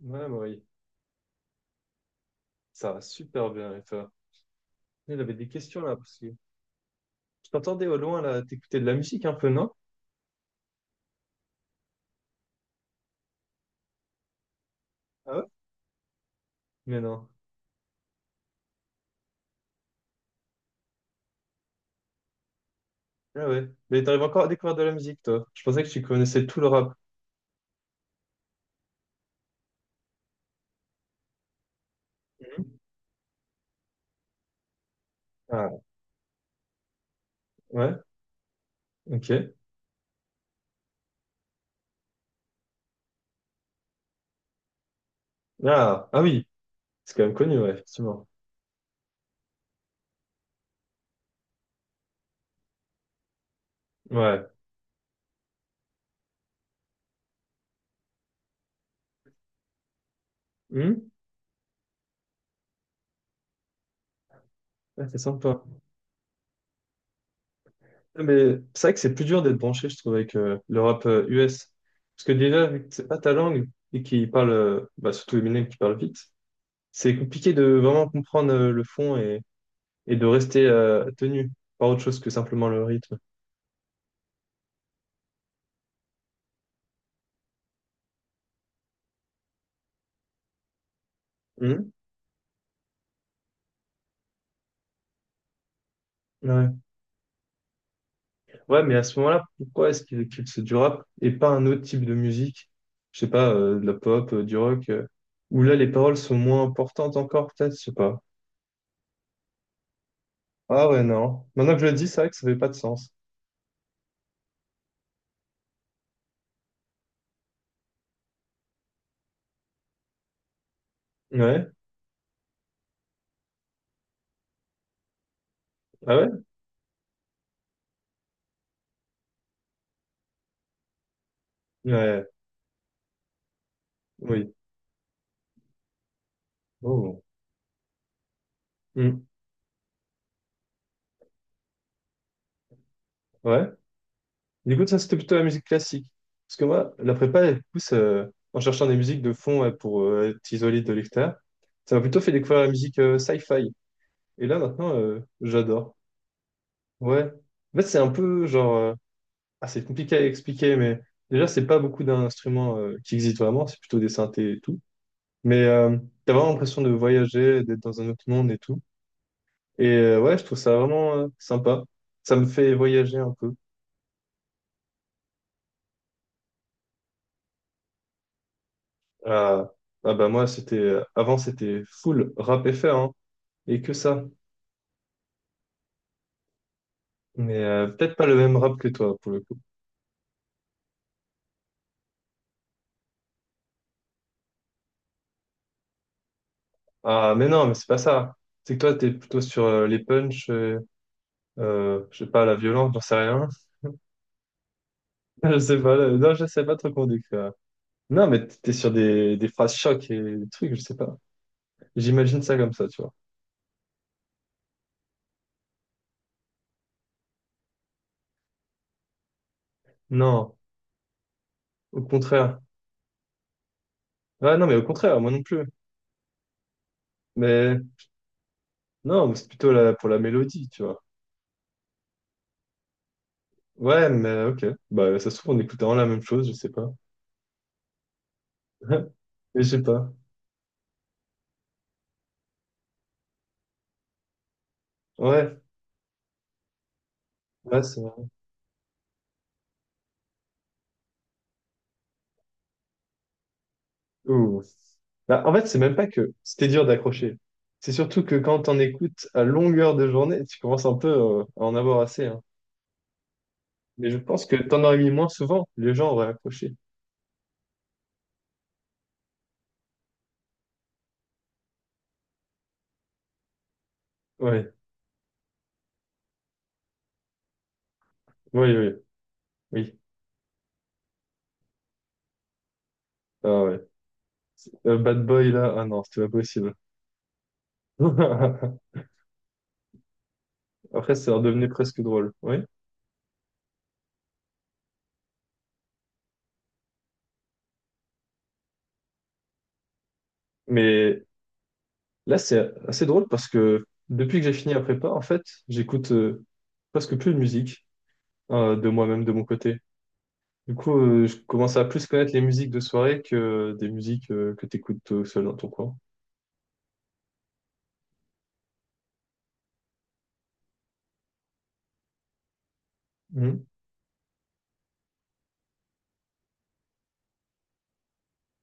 Ouais, Marie, ça va super bien et toi? Il avait des questions là parce que je t'entendais au loin là, t'écoutais de la musique un peu, non? Ah ouais? Mais non. Ah ouais. Mais t'arrives encore à découvrir de la musique, toi. Je pensais que tu connaissais tout le rap. Mhm. Ah ouais, ok. Ah, ah oui, c'est quand même connu, ouais, effectivement. Ouais. Hmm. Ah, c'est sympa. Ah, mais c'est vrai que c'est plus dur d'être branché, je trouve, avec le rap US. Parce que déjà, vu que c'est pas ta langue et qu'il parle, bah, surtout Eminem qui parle vite, c'est compliqué de vraiment comprendre le fond et de rester tenu par autre chose que simplement le rythme. Mhm. Ouais. Ouais, mais à ce moment-là, pourquoi est-ce qu'il éclipse du rap et pas un autre type de musique? Je sais pas, de la pop, du rock, où là les paroles sont moins importantes encore, peut-être, je sais pas. Ah ouais, non. Maintenant que je le dis, c'est vrai que ça fait pas de sens. Ouais, ah ouais? Ouais, oui. Oh. Mhm. Ouais. Du coup, ça, c'était plutôt la musique classique. Parce que moi, la prépa, elle pousse en cherchant des musiques de fond, ouais, pour être isolé de l'extérieur. Ça m'a plutôt fait découvrir la musique sci-fi. Et là, maintenant, j'adore. Ouais. En fait, c'est un peu genre. Ah, c'est compliqué à expliquer, mais déjà, c'est pas beaucoup d'instruments qui existent vraiment, c'est plutôt des synthés et tout. Mais t'as vraiment l'impression de voyager, d'être dans un autre monde et tout. Et ouais, je trouve ça vraiment sympa. Ça me fait voyager un peu. Ah, ah bah moi, c'était. Avant, c'était full rap FR, hein, et que ça. Mais peut-être pas le même rap que toi, pour le coup. Ah, mais non, mais c'est pas ça. C'est que toi, t'es plutôt sur les punchs. Je sais pas, la violence, j'en sais rien. Je sais pas, là, non, je sais pas trop comment décrire. Non, mais t'es sur des phrases choc et des trucs, je sais pas. J'imagine ça comme ça, tu vois. Non, au contraire. Ouais, non, mais au contraire, moi non plus. Mais non, mais c'est plutôt là pour la mélodie, tu vois. Ouais, mais ok. Bah, ça se trouve, on écoute vraiment la même chose, je sais pas. Mais je sais pas. Ouais, ouais, c'est vrai. Ouh. Bah, en fait, c'est même pas que c'était dur d'accrocher. C'est surtout que quand on écoute à longueur de journée, tu commences un peu à en avoir assez, hein. Mais je pense que t'en aurais mis moins souvent, les gens auraient accroché. Ouais, oui, oui, oui. Ah ouais. Bad Boy là, ah non, c'était pas possible. Après, ça redevenait presque drôle, oui. Mais là, c'est assez drôle parce que depuis que j'ai fini la prépa, en fait, j'écoute presque plus de musique de moi-même, de mon côté. Du coup, je commence à plus connaître les musiques de soirée que des musiques que t'écoutes tout seul dans ton coin. Mhm.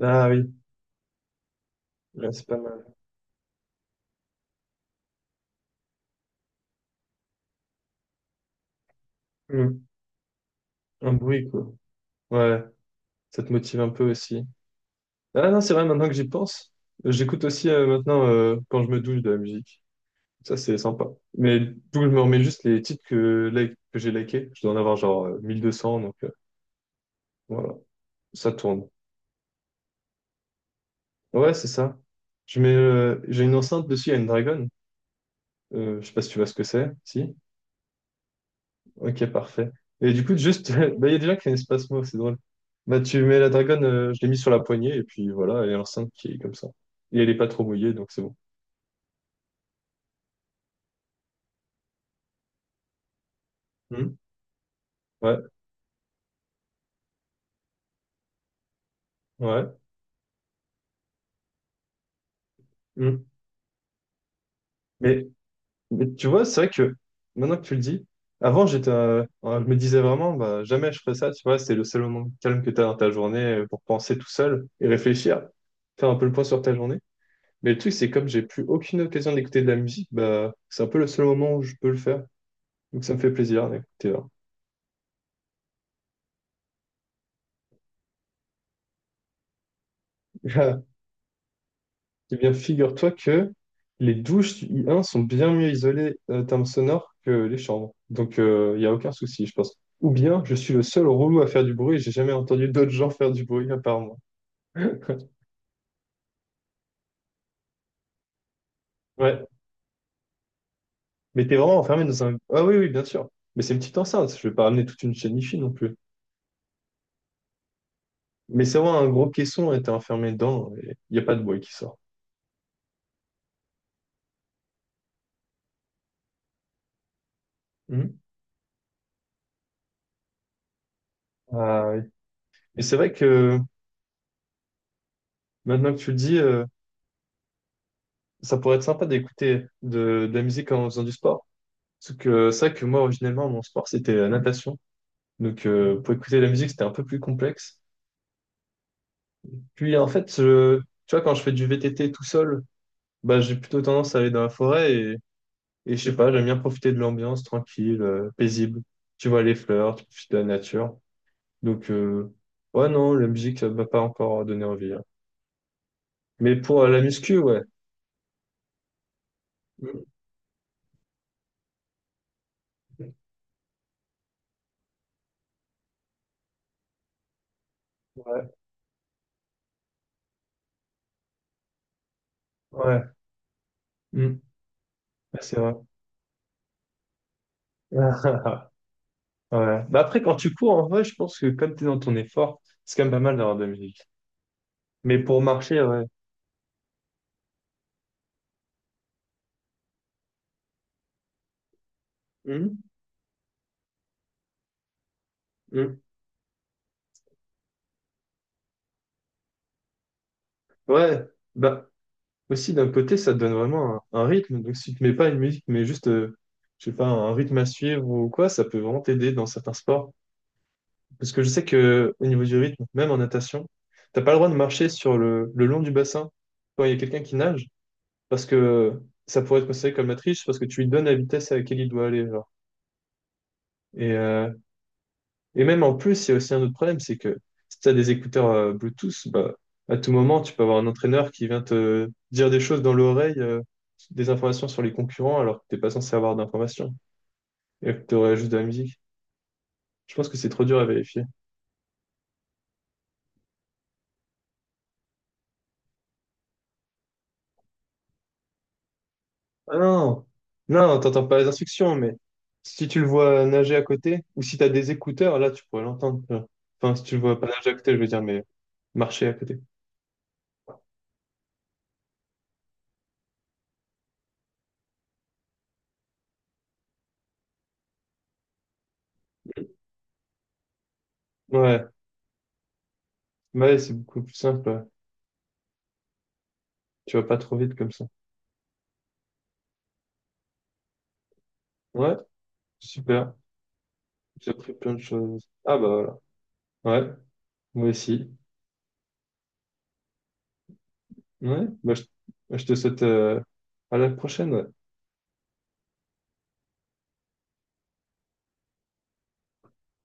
Ah oui. Ouais, c'est pas mal. Mhm. Un bruit, quoi. Ouais, ça te motive un peu aussi. Ah non, c'est vrai, maintenant que j'y pense, j'écoute aussi maintenant quand je me douche de la musique. Ça, c'est sympa. Mais du coup, je me remets juste les titres que j'ai likés. Je dois en avoir genre 1200, donc voilà, ça tourne. Ouais, c'est ça. Je mets, j'ai une enceinte dessus, il y a une Dragon. Je sais pas si tu vois ce que c'est. Si? Ok, parfait. Et du coup, juste, bah, il y a déjà qui a un espace mot, c'est drôle. Bah, tu mets la Dragon, je l'ai mis sur la poignée, et puis voilà, elle est enceinte qui est comme ça. Et elle est pas trop mouillée, donc c'est bon. Hmm. Ouais, ouais. Hmm. Mais Mais tu vois, c'est vrai que maintenant que tu le dis, avant j'étais, je me disais vraiment, bah, jamais je ferais ça, tu vois, c'est le seul moment de calme que tu as dans ta journée pour penser tout seul et réfléchir, faire un peu le point sur ta journée. Mais le truc, c'est comme j'ai plus aucune occasion d'écouter de la musique, bah, c'est un peu le seul moment où je peux le faire. Donc ça me fait plaisir d'écouter. Hein. Eh bien, figure-toi que les douches du I1 sont bien mieux isolées en termes sonores que les chambres. Donc, il n'y a aucun souci, je pense. Ou bien, je suis le seul relou à faire du bruit et j'ai jamais entendu d'autres gens faire du bruit à part moi. Ouais. Mais t'es vraiment enfermé dans un. Ah oui, oui, bien sûr. Mais c'est une petite enceinte. Je vais pas ramener toute une chaîne hi non plus. Mais c'est vraiment un gros caisson et t'es enfermé dedans et il n'y a pas de bruit qui sort. Mhm. Ah oui. Et c'est vrai que maintenant que tu le dis, ça pourrait être sympa d'écouter de la musique en faisant du sport. Sauf que ça que moi originellement mon sport c'était la natation. Donc pour écouter la musique c'était un peu plus complexe. Puis en fait tu vois quand je fais du VTT tout seul, bah j'ai plutôt tendance à aller dans la forêt et je sais pas, j'aime bien profiter de l'ambiance tranquille, paisible. Tu vois les fleurs, tu profites de la nature. Donc ouais non, la musique ça m'a pas encore donné envie, hein. Mais pour la muscu, ouais. Mm. Ouais, ouais. Mm. Ouais, c'est vrai. Ouais. Bah après quand tu cours en vrai, je pense que comme tu es dans ton effort, c'est quand même pas mal d'avoir de la musique. Mais pour marcher, ouais. Mhm, mhm. Ouais, bah aussi d'un côté, ça te donne vraiment un rythme. Donc si tu mets pas une musique, mais juste, je sais pas, un rythme à suivre ou quoi, ça peut vraiment t'aider dans certains sports. Parce que je sais que au niveau du rythme, même en natation, t'as pas le droit de marcher sur le long du bassin quand il y a quelqu'un qui nage, parce que ça pourrait être considéré comme la triche, parce que tu lui donnes la vitesse à laquelle il doit aller, genre. Et euh, Et même en plus, il y a aussi un autre problème, c'est que si tu as des écouteurs Bluetooth, bah, à tout moment, tu peux avoir un entraîneur qui vient te dire des choses dans l'oreille, des informations sur les concurrents, alors que t'es pas censé avoir d'informations et que tu aurais juste de la musique. Je pense que c'est trop dur à vérifier. Ah non, non, t'entends pas les instructions, mais si tu le vois nager à côté, ou si tu as des écouteurs, là, tu pourrais l'entendre, tu vois. Enfin, si tu le vois pas nager à côté, je veux dire, mais marché à côté. Ouais, ouais, c'est beaucoup plus simple, ouais. Tu vas pas trop vite comme ça. Ouais, super. J'ai appris plein de choses. Ah bah voilà. Ouais, moi aussi. Ouais, bah, je te souhaite à la prochaine. Ouais.